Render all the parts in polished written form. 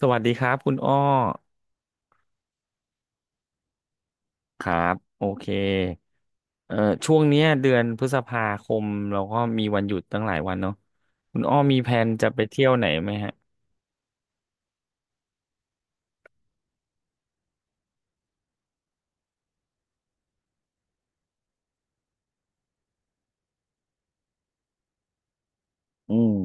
สวัสดีครับคุณอ้อครับโอเคเอ่อช่วงเนี้ยเดือนพฤษภาคมเราก็มีวันหยุดตั้งหลายวันเนาะคุณอ้อมีแผนจะไปเที่ยวไหนไหมฮะอืม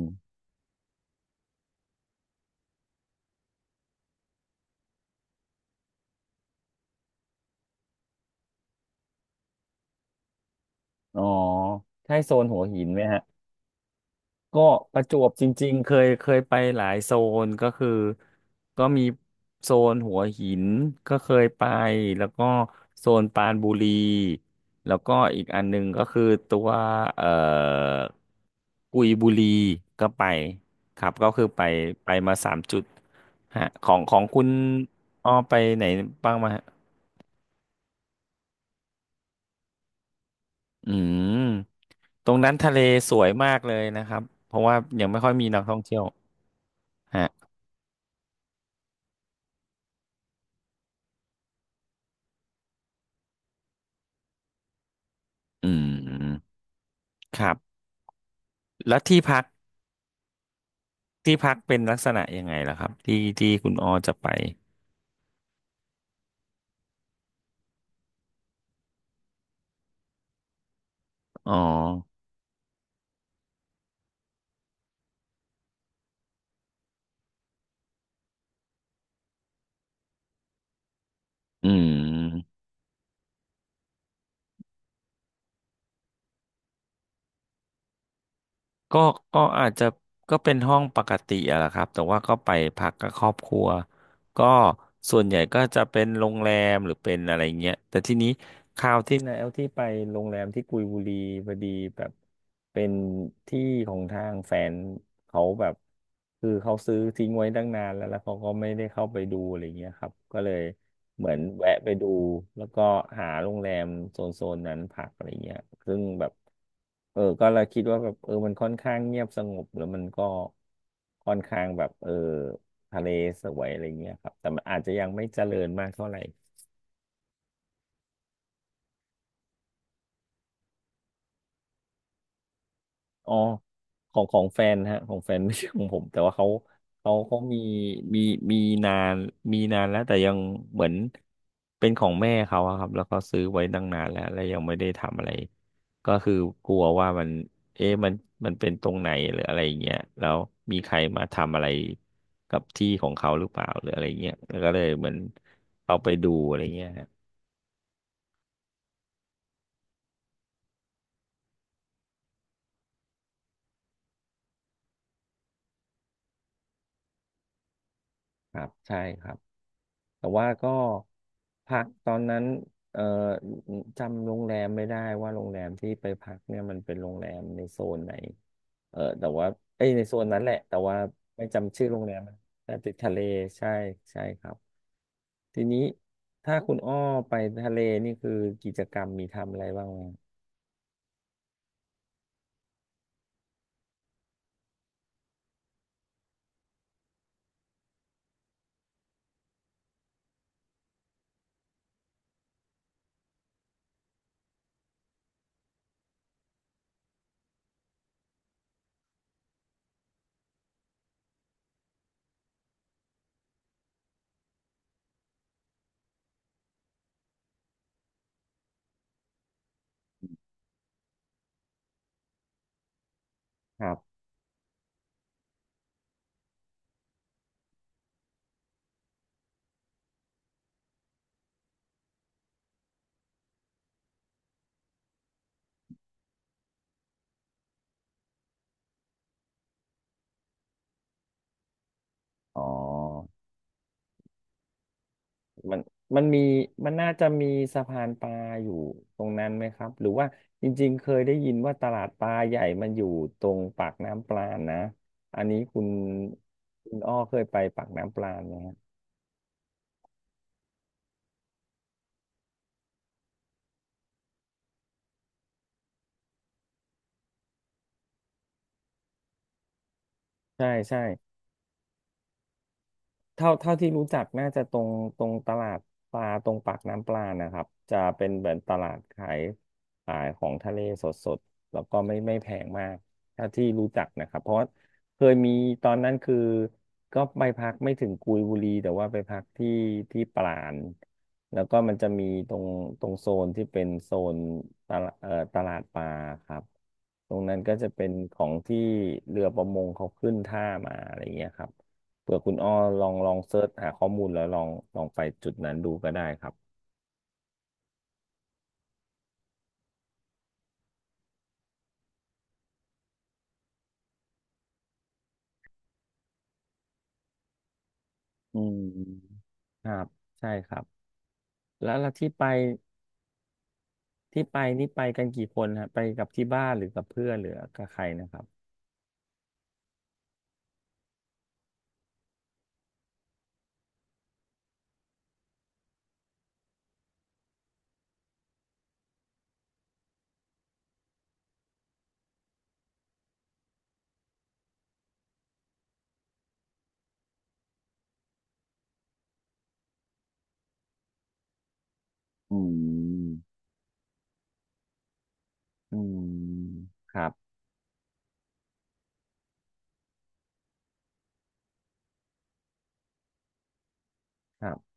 อ๋อใช่โซนหัวหินไหมฮะ ก็ประจวบจริงๆเคยไปหลายโซนก็คือก็มีโซนหัวหินก็เคยไปแล้วก็โซนปรานบุรีแล้วก็อีกอันหนึงก็คือตัวเอ่อกุยบุรีก็ไปครับก็คือไปไปมาสามจุดฮะของคุณอ้อไปไหนบ้างมาฮะอืมตรงนั้นทะเลสวยมากเลยนะครับเพราะว่ายังไม่ค่อยมีนักท่องเที่ยวฮะอืมครับ แล้วที่พักที่พักเป็นลักษณะยังไงล่ะครับที่คุณออจะไปอ๋ออืมก็ก็อาจจะก็เป็นห้องปกติอะแหละครับแต่ว่าก็ไปพักกับครอบครัวก็ส่วนใหญ่ก็จะเป็นโรงแรมหรือเป็นอะไรเงี้ยแต่ทีนี้ ทิตย์นะเอลที่ไปโรงแรมที่กุยบุรีพอดีแบบเป็นที่ของทางแฟนเขาแบบคือเขาซื้อทิ้งไว้ตั้งนานแล้วแล้วเขาก็ไม่ได้เข้าไปดูอะไรเงี้ยครับก็เลยเหมือนแวะไปดูแล้วก็หาโรงแรมโซนนั้นพักอะไรเงี้ยซึ่งแบบเออก็เราคิดว่าแบบเออมันค่อนข้างเงียบสงบแล้วมันก็ค่อนข้างแบบเออทะเลสวยอะไรเงี้ยครับแต่มันอาจจะยังไม่เจริญมากเท่าไหร่ อ๋อของแฟนฮะของแฟน ไม่ใช่ของผมแต่ว่าเขาเขามีมีนานมีนานแล้วแต่ยังเหมือนเป็นของแม่เขาอะครับแล้วก็ซื้อไว้ตั้งนานแล้วแล้วยังไม่ได้ทำอะไรก็คือกลัวว่ามันเอ๊ะมันเป็นตรงไหนหรืออะไรเงี้ยแล้วมีใครมาทำอะไรกับที่ของเขาหรือเปล่าหรืออะไรเงี้ยแล้วก็เลยเหมือนเอาไปดูอะไรเงี้ยฮะครับใช่ครับ แต่ว่าก็พักตอนนั้นเอ่อจำโรงแรมไม่ได้ว่าโรงแรมที่ไปพักเนี่ยมันเป็นโรงแรมในโซนไหนเออแต่ว่าเอ้ยในโซนนั้นแหละแต่ว่าไม่จำชื่อโรงแรมแต่ติดทะเลใช่ใช่ครับทีนี้ถ้าคุณอ้อไปทะเลนี่คือกิจกรรมมีทำอะไรบ้างไหมครับอ๋อ มันมันมีมันน่าจะมีสะพานปลาอยู่ตรงนั้นไหมครับหรือว่าจริงๆเคยได้ยินว่าตลาดปลาใหญ่มันอยู่ตรงปากน้ำปลาณนะอันนี้คุณอ้อเคยไปปากน้ำปลาณไหมฮะใช่ใช่ เท่าที่รู้จักน่าจะตรงตรงตลาดปลาตรงปากน้ำปลานะครับจะเป็นเหมือนตลาดขายขายของทะเลสดๆแล้วก็ไม่แพงมากเท่าที่รู้จักนะครับเพราะว่าเคยมีตอนนั้นคือก็ไปพักไม่ถึงกุยบุรีแต่ว่าไปพักที่ปราณแล้วก็มันจะมีตรงตรงโซนที่เป็นโซนตลาดตลาดปลาครับตรงนั้นก็จะเป็นของที่เรือประมงเขาขึ้นท่ามาอะไรอย่างเงี้ยครับ เผื่อคุณอ้อลองเสิร์ชหาข้อมูลแล้วลองลองไปจุดนั้นดูก็ได้ครับอืมครับใช่ครับแล้วแล้วที่ไปนี่ไปกันกี่คนฮะไปกับที่บ้านหรือกับเพื่อนหรือกับใครนะครับอืมอืมครับครับ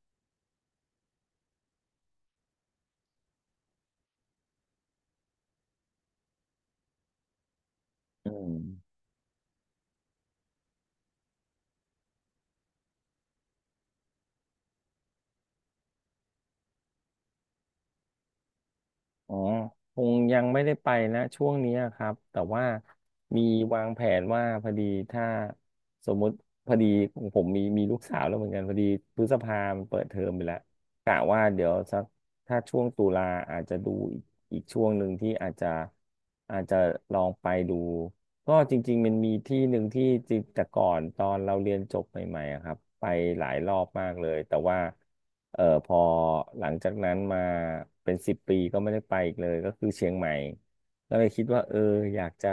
อืม อ๋อคงยังไม่ได้ไปนะช่วงนี้อะครับแต่ว่ามีวางแผนว่าพอดีถ้าสมมุติพอดีของผมมีลูกสาวแล้วเหมือนกันพอดีพฤษภามันเปิดเทอมไปแล้วกะว่าเดี๋ยวสักถ้าช่วงตุลาอาจจะดูอีกอีกช่วงหนึ่งที่อาจจะอาจจะลองไปดูก็จริงๆมันมีที่หนึ่งที่จริงแต่ก่อนตอนเราเรียนจบใหม่ๆอะครับไปหลายรอบมากเลยแต่ว่า เออพอหลังจากนั้นมาเป็นสิบปีก็ไม่ได้ไปอีกเลยก็คือเชียงใหม่ก็เลยคิดว่าเอออยากจะ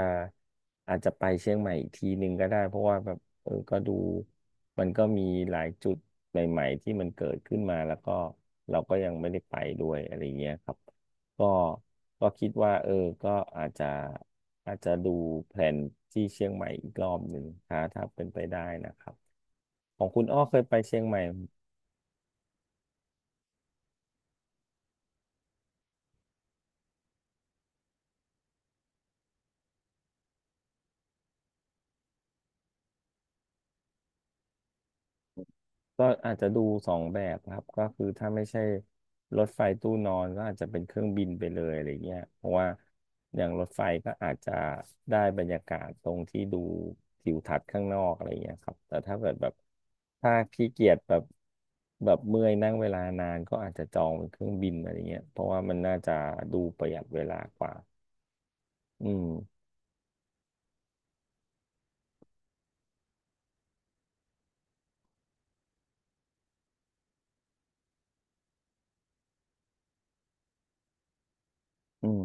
อาจจะไปเชียงใหม่อีกทีหนึ่งก็ได้เพราะว่าแบบเออก็ดูมันก็มีหลายจุดใหม่ๆที่มันเกิดขึ้นมาแล้วก็เราก็ยังไม่ได้ไปด้วยอะไรเงี้ยครับก็ก็คิดว่าเออก็อาจจะอาจจะดูแผนที่เชียงใหม่อีกรอบหนึ่งถ้าถ้าเป็นไปได้นะครับของคุณอ้อเคยไปเชียงใหม่ ก็อาจจะดูสองแบบครับก็คือถ้าไม่ใช่รถไฟตู้นอนก็อาจจะเป็นเครื่องบินไปเลยอะไรเงี้ยเพราะว่าอย่างรถไฟก็อาจจะได้บรรยากาศตรงที่ดูทิวทัศน์ข้างนอกอะไรเงี้ยครับแต่ถ้าเกิดแบบถ้าขี้เกียจแบบแบบเมื่อยนั่งเวลานานก็อาจจะจองเป็นเครื่องบินอะไรเงี้ยเพราะว่ามันน่าจะดูประหยัดเวลากว่าอืมอืม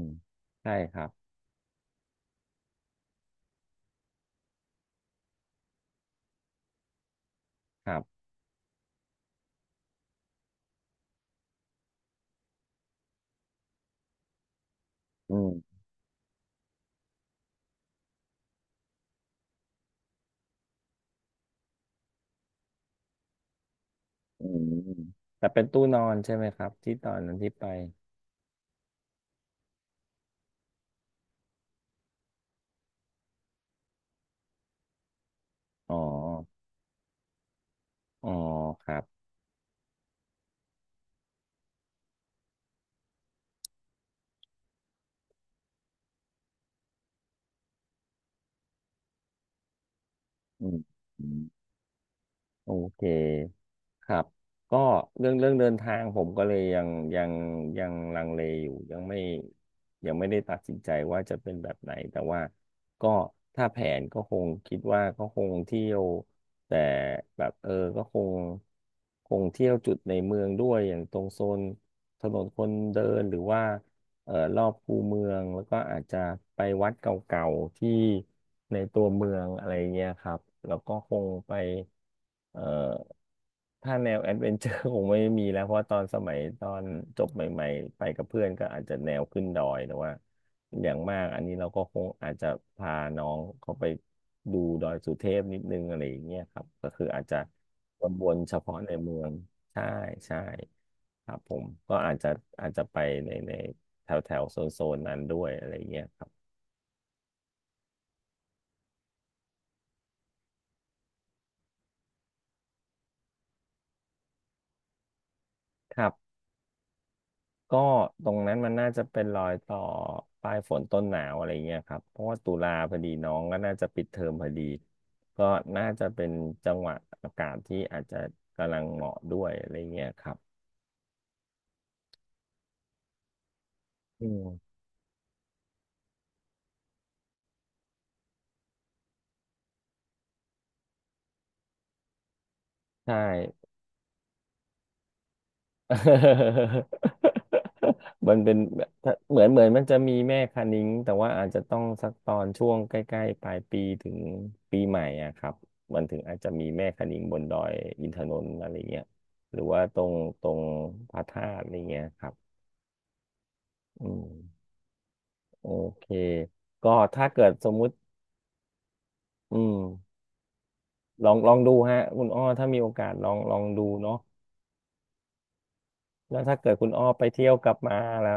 ใช่ครับครับอืมอืมอืมแต่เป็นตู้นอนใช่ไหมครับที่ตอนนั้นที่ไปอ๋อ อ๋อครับอืมอืมโอเคครับก็เรื่องเดินทางผมก็เลยยังยังลังเลอยู่ยังไม่ได้ตัดสินใจว่าจะเป็นแบบไหนแต่ว่าก็ถ้าแผนก็คงคิดว่าก็คงเที่ยวแต่แบบเออก็คงเที่ยวจุดในเมืองด้วยอย่างตรงโซนถนนคนเดินหรือว่า รอบคูเมืองแล้วก็อาจจะไปวัดเก่าๆที่ในตัวเมืองอะไรเงี้ยครับแล้วก็คงไปเอ่อถ้าแนวแอดเวนเจอร์ คงไม่มีแล้วเพราะตอนสมัยตอนจบใหม่ๆไปกับเพื่อนก็อาจจะแนวขึ้นดอยแต่ว่าอย่างมากอันนี้เราก็คงอาจจะพาน้องเขาไปดูดอยสุเทพนิดนึงอะไรอย่างเงี้ยครับก็คืออาจจะวนๆเฉพาะในเมืองใช่ใช่ครับผมก็อาจจะไปใน แถวแถวโซนโซนนั้นด้วยอะไรเงี้ยครับครับก็ตรงนั้นมันน่าจะเป็นรอยต่อปลายฝนต้นหนาวอะไรเงี้ยครับเพราะว่าตุลาพอดีน้องก็น่าจะปิดเทอมพอดีก็น่าจะเป็นจังหวะอากาศที่อาจจะกำลังเหมาะด้วยอะไรเงี้ยครับอืมใช่ มันเป็นแบบถ้าเหมือนมันจะมีแม่คะนิ้งแต่ว่าอาจจะต้องสักตอนช่วงใกล้ๆปลายปีถึงปีใหม่อะครับมันถึงอาจจะมีแม่คะนิ้งบนดอยอินทนนท์อะไรเงี้ยหรือว่าตรงพระธาตุอะไรเงี้ยครับอืมโอเคก็ถ้าเกิดสมมุติอืมลองดูฮะคุณอ้อถ้ามีโอกาสลองดูเนาะแล้วถ้าเกิดคุณอ้อไปเที่ยวกลับมาแล้ว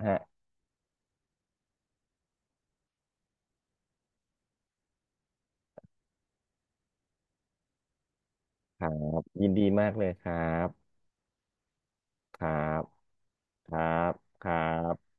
ฮะครับยินดีมากเลยครับ ครับ ครับ ครับ